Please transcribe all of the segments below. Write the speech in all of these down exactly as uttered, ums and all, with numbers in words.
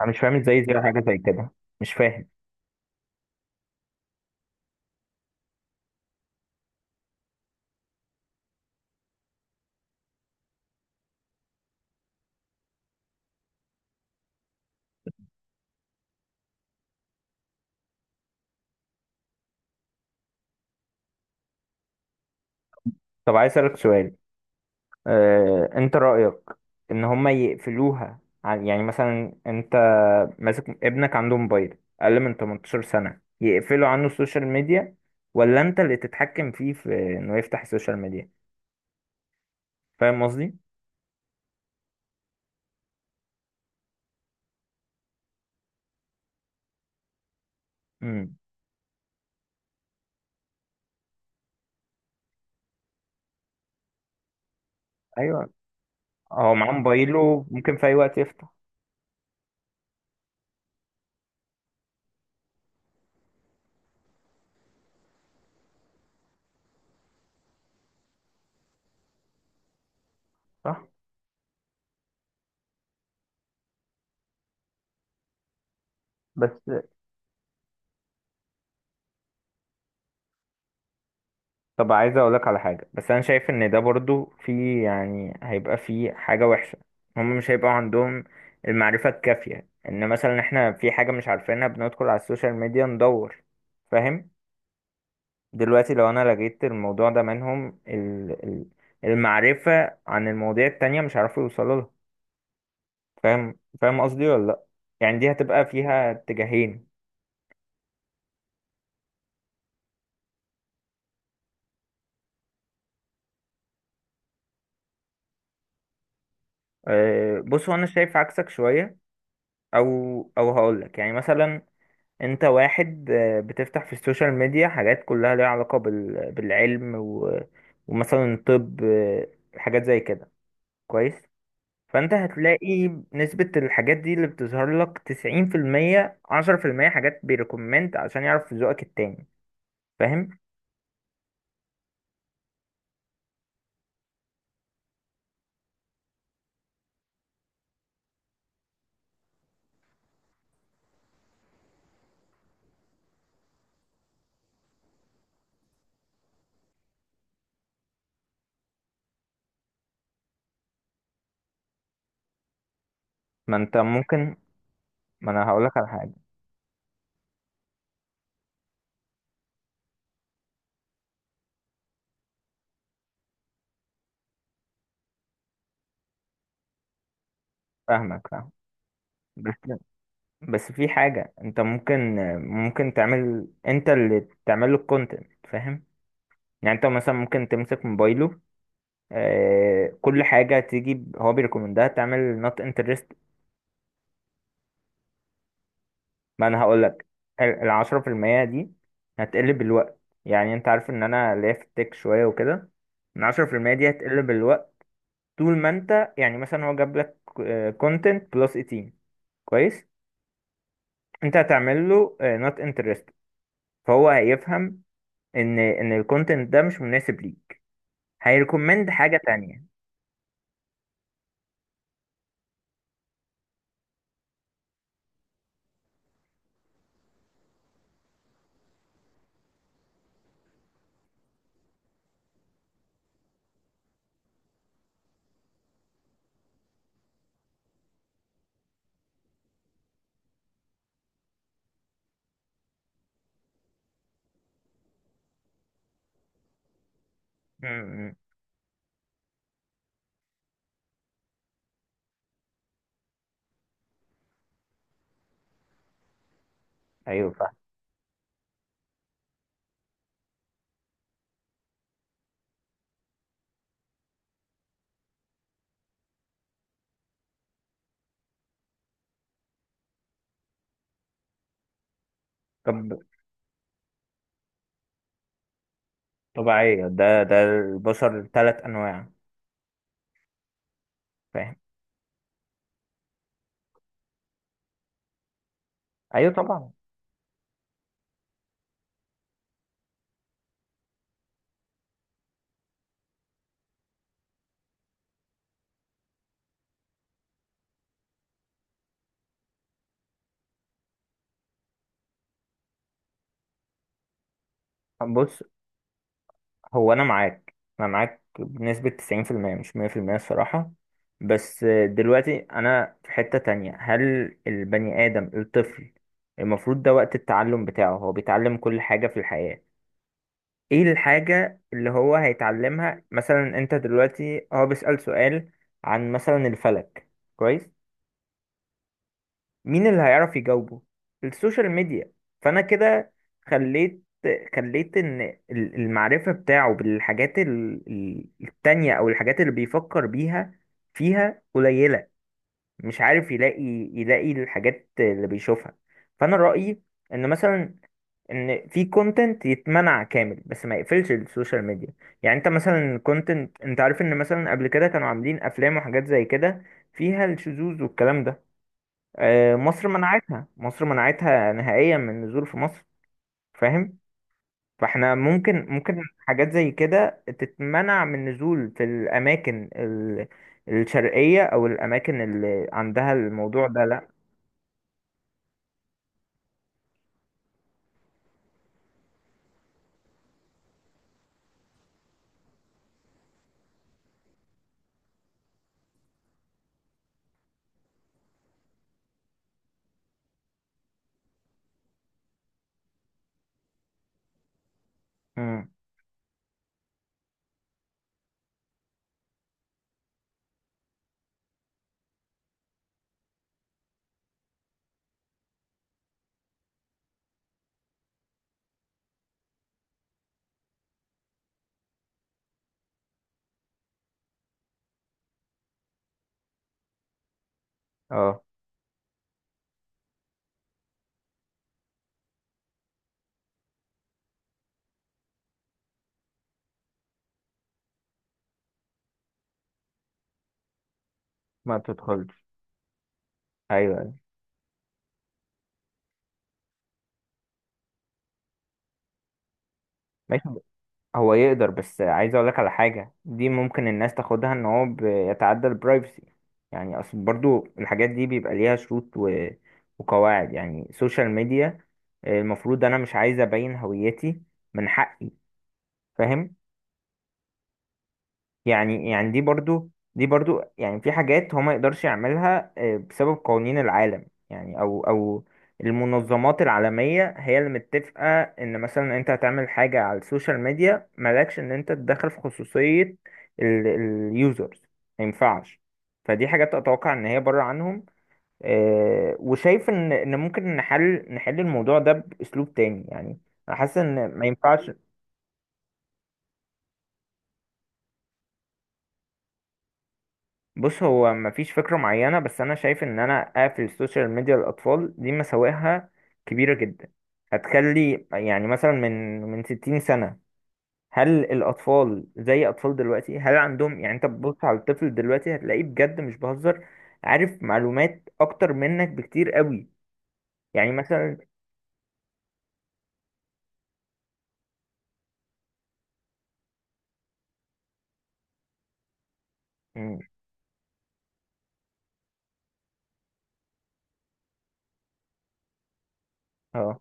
انا مش فاهم ازاي زي حاجه زي كده. مش فاهم. طب عايز اسالك سؤال. آه، انت رايك ان هما يقفلوها عن، يعني مثلا انت ماسك ابنك عنده موبايل اقل من تمنتاشر سنه، يقفلوا عنه السوشيال ميديا ولا انت اللي تتحكم فيه في انه يفتح السوشيال ميديا؟ فاهم قصدي؟ امم، ايوه. هو معاه موبايله ممكن في اي وقت يفتح. صح. بس طب عايز اقولك على حاجة، بس انا شايف ان ده برضو في، يعني هيبقى في حاجة وحشة. هم مش هيبقى عندهم المعرفة الكافية، ان مثلا احنا في حاجة مش عارفينها بندخل على السوشيال ميديا ندور. فاهم؟ دلوقتي لو انا لقيت الموضوع ده منهم ال- ال- المعرفة عن المواضيع التانية مش هيعرفوا يوصلوا لها. فاهم فاهم قصدي ولا لا؟ يعني دي هتبقى فيها اتجاهين. أه، بص، هو انا شايف عكسك شوية. او او هقولك، يعني مثلا انت واحد آه، بتفتح في السوشيال ميديا حاجات كلها ليها علاقة بال... بالعلم و... ومثلا الطب، آه، حاجات زي كده. كويس. فانت هتلاقي نسبة الحاجات دي اللي بتظهر لك تسعين في المية، عشرة في المية حاجات بيريكومند عشان يعرف ذوقك التاني. فاهم؟ ما انت ممكن. ما انا هقولك على حاجة. فاهمك، فاهم. بس بس في حاجة، انت ممكن ممكن تعمل، انت اللي تعمل له الكونتنت. فاهم؟ يعني انت مثلا ممكن تمسك موبايله. آه، كل حاجة تيجي ب- هو بيريكومندها، تعمل not interest. ما انا هقولك. ال- العشرة في المية دي هتقل بالوقت. يعني انت عارف ان انا ليا في التك شوية وكده. العشرة في المية دي هتقل بالوقت. طول ما انت، يعني مثلا هو جاب لك آه، content plus تمنتاشر. كويس. انت هتعمل له آه، not interest. فهو هيفهم ان ان الكونتنت ده مش مناسب ليك. هيريكومند حاجة تانية. م- م. ايوه، فاهم. طب طبيعية، ده ده البشر ثلاث انواع. فاهم؟ ايوه طبعا. بص، هو انا معاك انا معاك بنسبة تسعين في المية، مش مية في المية الصراحة. بس دلوقتي انا في حتة تانية. هل البني ادم الطفل المفروض ده وقت التعلم بتاعه؟ هو بيتعلم كل حاجة في الحياة. ايه الحاجة اللي هو هيتعلمها؟ مثلا انت دلوقتي هو بيسأل سؤال عن مثلا الفلك. كويس. مين اللي هيعرف يجاوبه؟ السوشيال ميديا. فانا كده خليت خليت ان ال- المعرفة بتاعه بالحاجات ال- ال- التانية، او الحاجات اللي بيفكر بيها، فيها قليلة. مش عارف يلاقي يلاقي الحاجات اللي بيشوفها. فانا رأيي ان مثلا، ان في كونتنت يتمنع كامل بس ما يقفلش السوشيال ميديا. يعني انت مثلا كونتنت، انت عارف ان مثلا قبل كده كانوا عاملين افلام وحاجات زي كده فيها الشذوذ والكلام ده. آه، مصر منعتها، مصر منعتها نهائيا من النزول في مصر. فاهم؟ فاحنا ممكن ممكن حاجات زي كده تتمنع من النزول في الاماكن ال- الشرقية، او الاماكن اللي عندها الموضوع ده. لا. مم. اه، ما تدخلش. ايوه، أيوة. ماشي. هو يقدر، بس عايز اقول لك على حاجه، دي ممكن الناس تاخدها ان هو بيتعدى البرايفسي. يعني اصل برضو الحاجات دي بيبقى ليها شروط و... وقواعد، يعني سوشيال ميديا. المفروض انا مش عايز ابين هويتي. من حقي. فاهم؟ يعني يعني دي برضو دي برضو يعني في حاجات هو ما يقدرش يعملها، آه، بسبب قوانين العالم يعني، او او المنظمات العالمية هي اللي متفقة ان مثلا انت هتعمل حاجة على السوشيال ميديا، مالكش ان انت تدخل في خصوصية اليوزرز. ما ينفعش. فدي حاجات اتوقع ان هي بره عنهم. آه، وشايف ان ان ممكن نحل نحل الموضوع ده باسلوب تاني يعني. أنا حاسس ان ما ينفعش. بص، هو مفيش فكرة معينة، بس أنا شايف إن أنا أقفل السوشيال ميديا للأطفال، دي مساوئها كبيرة جدا. هتخلي، يعني مثلا، من من ستين سنة. هل الأطفال زي أطفال دلوقتي؟ هل عندهم، يعني أنت بتبص على الطفل دلوقتي، هتلاقيه بجد مش بهزر، عارف معلومات أكتر منك بكتير قوي. يعني مثلا. مم، اه،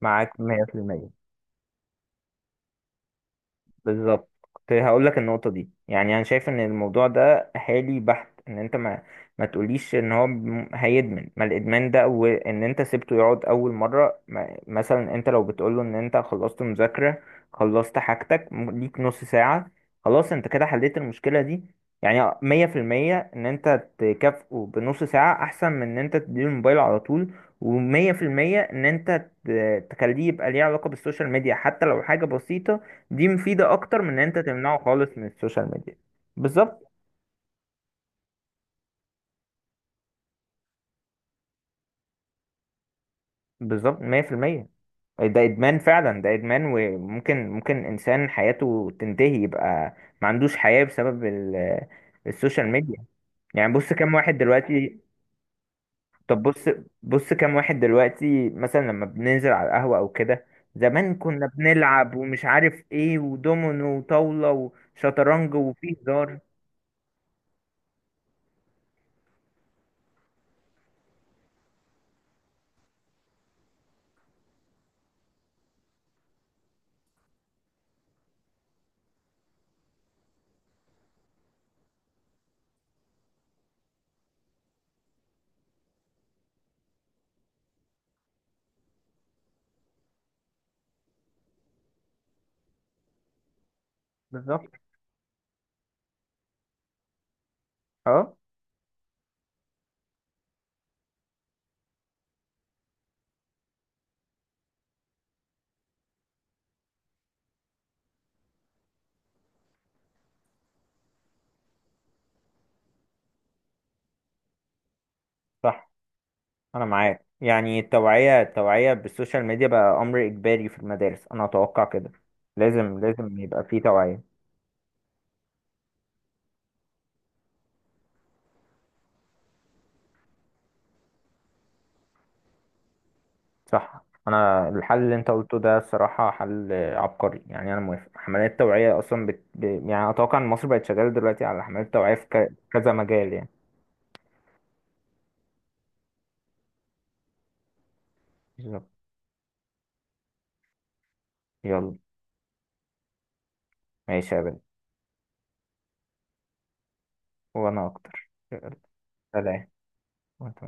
معاك مية في المية. بالظبط. كنت هقول لك النقطة دي. يعني أنا شايف إن الموضوع ده حالي بحت، إن أنت ما ما تقوليش إن هو م- هيدمن، ما الإدمان ده، وإن أنت سيبته يقعد أول مرة. ما مثلا أنت لو بتقوله إن أنت خلصت مذاكرة، خلصت حاجتك م- ليك نص ساعة، خلاص أنت كده حليت المشكلة دي. يعني مية في المية إن أنت تكافئه بنص ساعة أحسن من إن أنت تديله الموبايل على طول. ومية في المية إن أنت ت- تخليه يبقى ليه علاقة بالسوشيال ميديا، حتى لو حاجة بسيطة. دي مفيدة أكتر من إن أنت تمنعه خالص من السوشيال ميديا. بالظبط. بالظبط، مية في المية. ده إدمان فعلا، ده إدمان، وممكن ممكن إنسان حياته تنتهي، يبقى ما عندوش حياة بسبب ال- السوشيال ميديا. يعني بص، كام واحد دلوقتي. طب بص بص كام واحد دلوقتي مثلا لما بننزل على القهوة أو كده، زمان كنا بنلعب ومش عارف إيه، ودومينو وطاولة وشطرنج، وفيه هزار. بالظبط. أه صح، انا معاك. يعني التوعية، التوعية بالسوشيال ميديا بقى امر اجباري في المدارس، انا اتوقع كده. لازم، لازم يبقى فيه توعية. صح، انا الحل اللي انت قلته ده الصراحة حل عبقري، يعني انا موافق. حملات توعية اصلا بت... ب... يعني اتوقع ان مصر بقت شغالة دلوقتي على حملات توعية في ك... كذا مجال يعني. بالظبط. يلا، ماشي يا بنت. وانا اكتر، يلا. سلام. وأنت.